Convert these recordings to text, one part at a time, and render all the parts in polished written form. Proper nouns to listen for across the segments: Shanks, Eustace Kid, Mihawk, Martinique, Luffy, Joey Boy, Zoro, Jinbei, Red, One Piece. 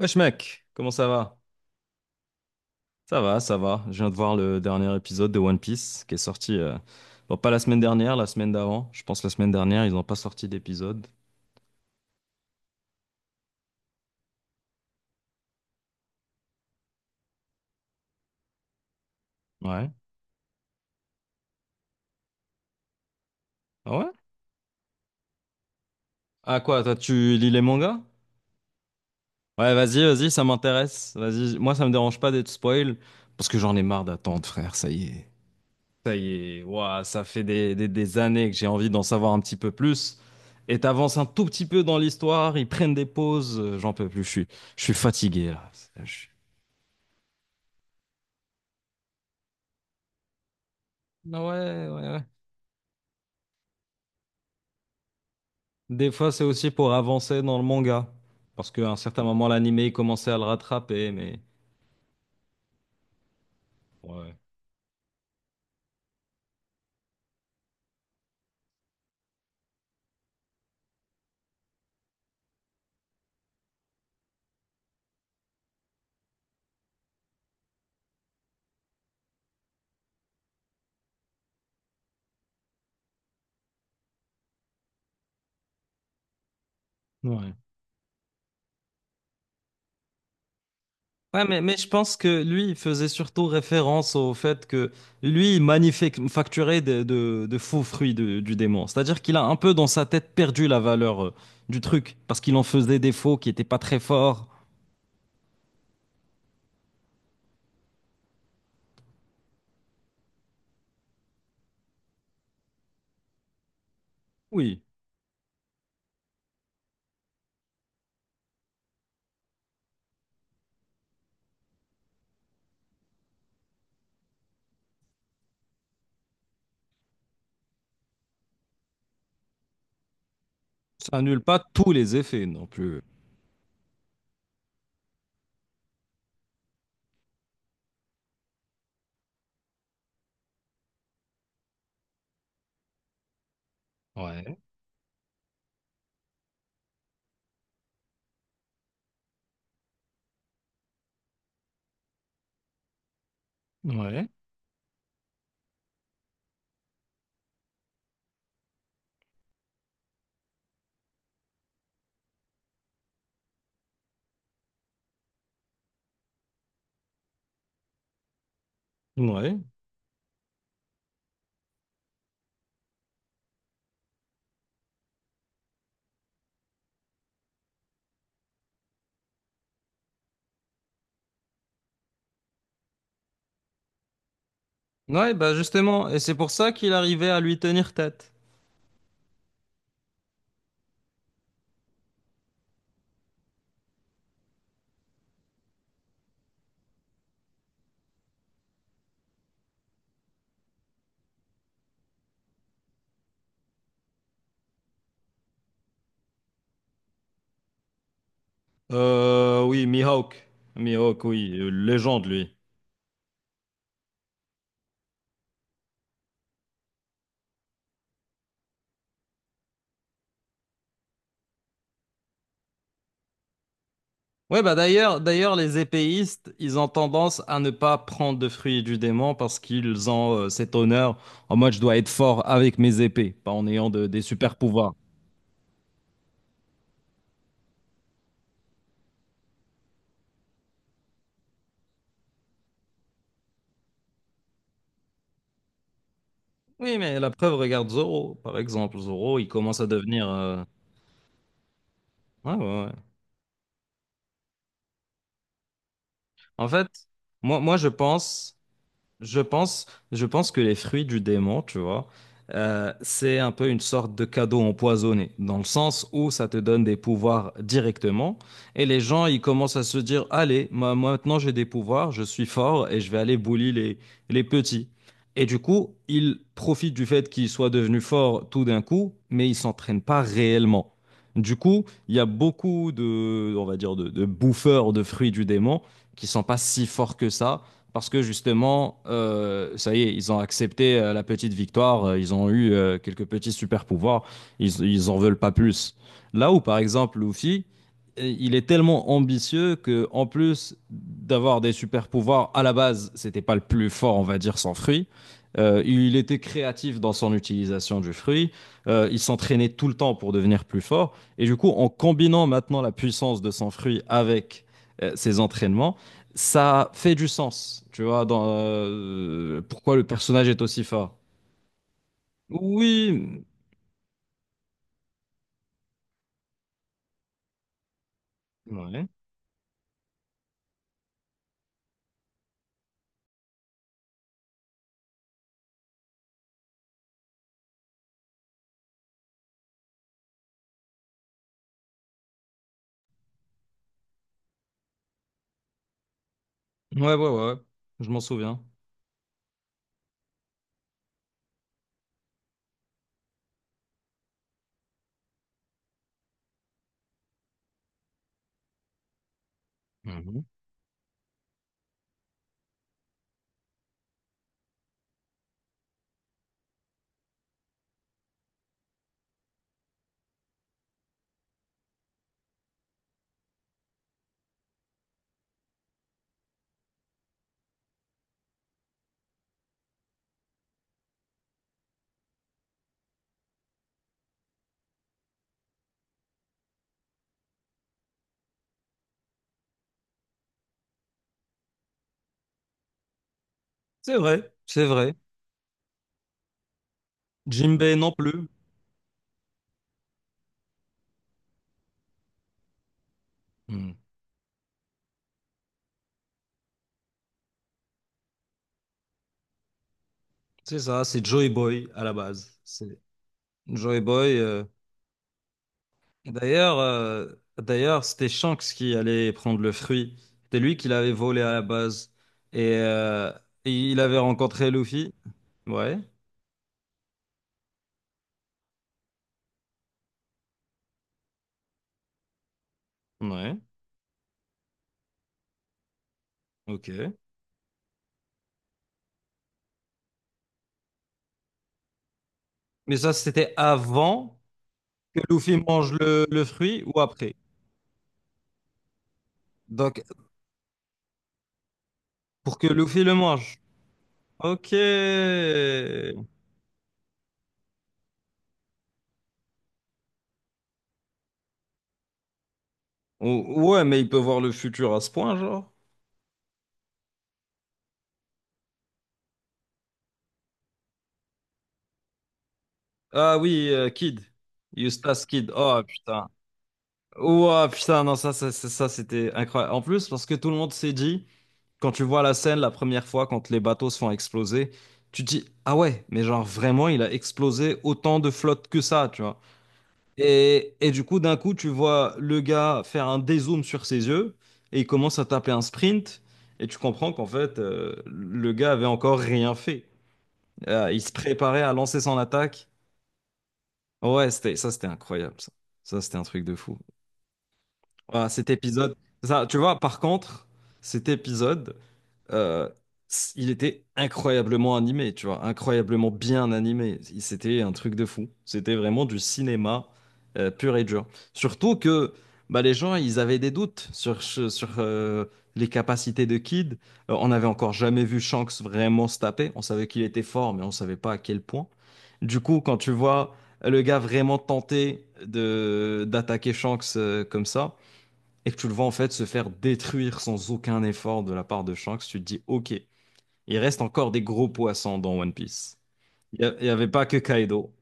Wesh mec, comment ça va? Ça va, ça va. Je viens de voir le dernier épisode de One Piece qui est sorti, bon, pas la semaine dernière, la semaine d'avant. Je pense la semaine dernière, ils n'ont pas sorti d'épisode. Ouais. Ah ouais? Ah quoi, toi tu lis les mangas? Ouais, vas-y, vas-y, ça m'intéresse. Vas-y, moi ça me dérange pas d'être spoil parce que j'en ai marre d'attendre, frère, ça y est. Ça y est, ouah, ça fait des années que j'ai envie d'en savoir un petit peu plus. Et t'avances un tout petit peu dans l'histoire, ils prennent des pauses, j'en peux plus, je suis fatigué là. Je Ah ouais, ouais, ouais. Des fois, c'est aussi pour avancer dans le manga. Parce qu'à un certain moment, l'animé, il commençait à le rattraper, mais... Ouais. Ouais. Ouais, mais je pense que lui, il faisait surtout référence au fait que lui, il manufacturait de faux fruits de- du démon. C'est-à-dire qu'il a un peu dans sa tête perdu la valeur du truc, parce qu'il en faisait des faux qui n'étaient pas très forts. Oui, ça annule pas tous les effets non plus. Ouais, ouais. Ouais. Ouais, bah justement, et c'est pour ça qu'il arrivait à lui tenir tête. Oui, Mihawk. Mihawk, oui, légende, lui. Ouais, bah d'ailleurs, les épéistes, ils ont tendance à ne pas prendre de fruits du démon parce qu'ils ont cet honneur en mode je dois être fort avec mes épées, pas en ayant de- des super pouvoirs. Oui, mais la preuve, regarde Zoro, par exemple. Zoro, il commence à devenir. Ouais, ouais, ouais. En fait, moi, je pense. Je pense, je pense que les fruits du démon, tu vois, c'est un peu une sorte de cadeau empoisonné, dans le sens où ça te donne des pouvoirs directement, et les gens, ils commencent à se dire, allez, moi, maintenant j'ai des pouvoirs, je suis fort, et je vais aller bully les petits. Et du coup, ils profitent du fait qu'ils soient devenus forts tout d'un coup, mais ils s'entraînent pas réellement. Du coup, il y a beaucoup de, on va dire, de bouffeurs de fruits du démon qui sont pas si forts que ça parce que justement, ça y est, ils ont accepté la petite victoire, ils ont eu quelques petits super pouvoirs, ils en veulent pas plus. Là où, par exemple, Luffy, il est tellement ambitieux que, en plus d'avoir des super pouvoirs, à la base, c'était pas le plus fort, on va dire, sans fruit. Il était créatif dans son utilisation du fruit. Il s'entraînait tout le temps pour devenir plus fort. Et du coup, en combinant maintenant la puissance de son fruit avec ses entraînements, ça fait du sens, tu vois, dans pourquoi le personnage est aussi fort. Oui, ouais, ouais, ouais, ouais, je m'en souviens. Mhm. C'est vrai, c'est vrai. Jinbei non plus. Mm. C'est ça, c'est Joey Boy à la base. C'est Joey Boy. D'ailleurs, c'était Shanks qui allait prendre le fruit. C'était lui qui l'avait volé à la base. Et il avait rencontré Luffy. Ouais, ouais, ok. Mais ça, c'était avant. Que Luffy mange le fruit ou après? Donc, pour que Luffy le mange. Ok. Ou- ouais, mais il peut voir le futur à ce point, genre. Ah oui, Kid. Eustace Kid. Oh putain. Oh putain, non, ça, c'était incroyable. En plus, parce que tout le monde s'est dit, quand tu vois la scène la première fois, quand les bateaux se font exploser, tu te dis, ah ouais, mais genre vraiment, il a explosé autant de flotte que ça, tu vois. Et du coup, d'un coup, tu vois le gars faire un dézoom sur ses yeux et il commence à taper un sprint. Et tu comprends qu'en fait, le gars avait encore rien fait. Il se préparait à lancer son attaque. Ouais, c'était, ça, c'était incroyable, ça. Ça, c'était un truc de fou. Voilà, cet épisode. Ça, tu vois, par contre, cet épisode, euh, c- il était incroyablement animé, tu vois, incroyablement bien animé. Il- C'était un truc de fou. C'était vraiment du cinéma pur et dur. Surtout que bah, les gens, ils avaient des doutes sur, ce- sur les capacités de Kid. On n'avait encore jamais vu Shanks vraiment se taper. On savait qu'il était fort, mais on ne savait pas à quel point. Du coup, quand tu vois le gars vraiment tenter de d'attaquer Shanks comme ça, et que tu le vois en fait se faire détruire sans aucun effort de la part de Shanks, tu te dis ok, il reste encore des gros poissons dans One Piece. Il n'y avait pas que Kaido.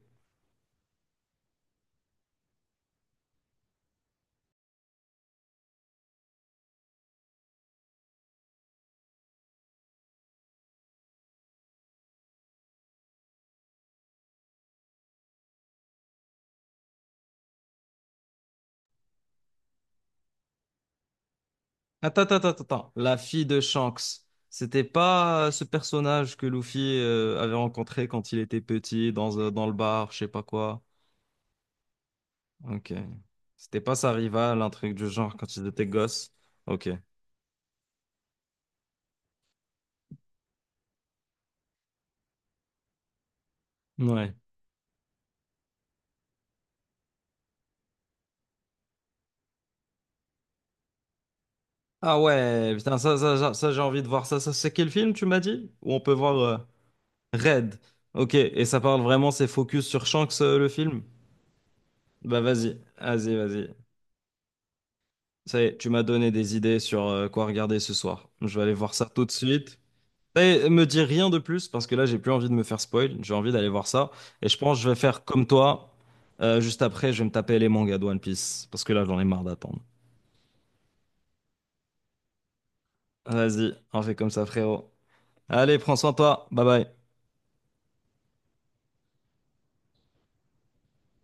Attends, attends, attends, attends. La fille de Shanks, c'était pas ce personnage que Luffy avait rencontré quand il était petit dans, dans le bar, je sais pas quoi. Ok. C'était pas sa rivale, un truc du genre quand ils étaient gosses. Ok. Ouais. Ah ouais, putain, ça, j'ai envie de voir ça. Ça, c'est quel film tu m'as dit? Où on peut voir. Red. Ok, et ça parle vraiment, c'est focus sur Shanks, le film? Bah vas-y, vas-y, vas-y. Ça y est, tu m'as donné des idées sur quoi regarder ce soir. Je vais aller voir ça tout de suite. Ça y est, me dis rien de plus parce que là, j'ai plus envie de me faire spoil. J'ai envie d'aller voir ça. Et je pense que je vais faire comme toi. Juste après, je vais me taper les mangas de One Piece parce que là, j'en ai marre d'attendre. Vas-y, on fait comme ça, frérot. Allez, prends soin de toi. Bye bye.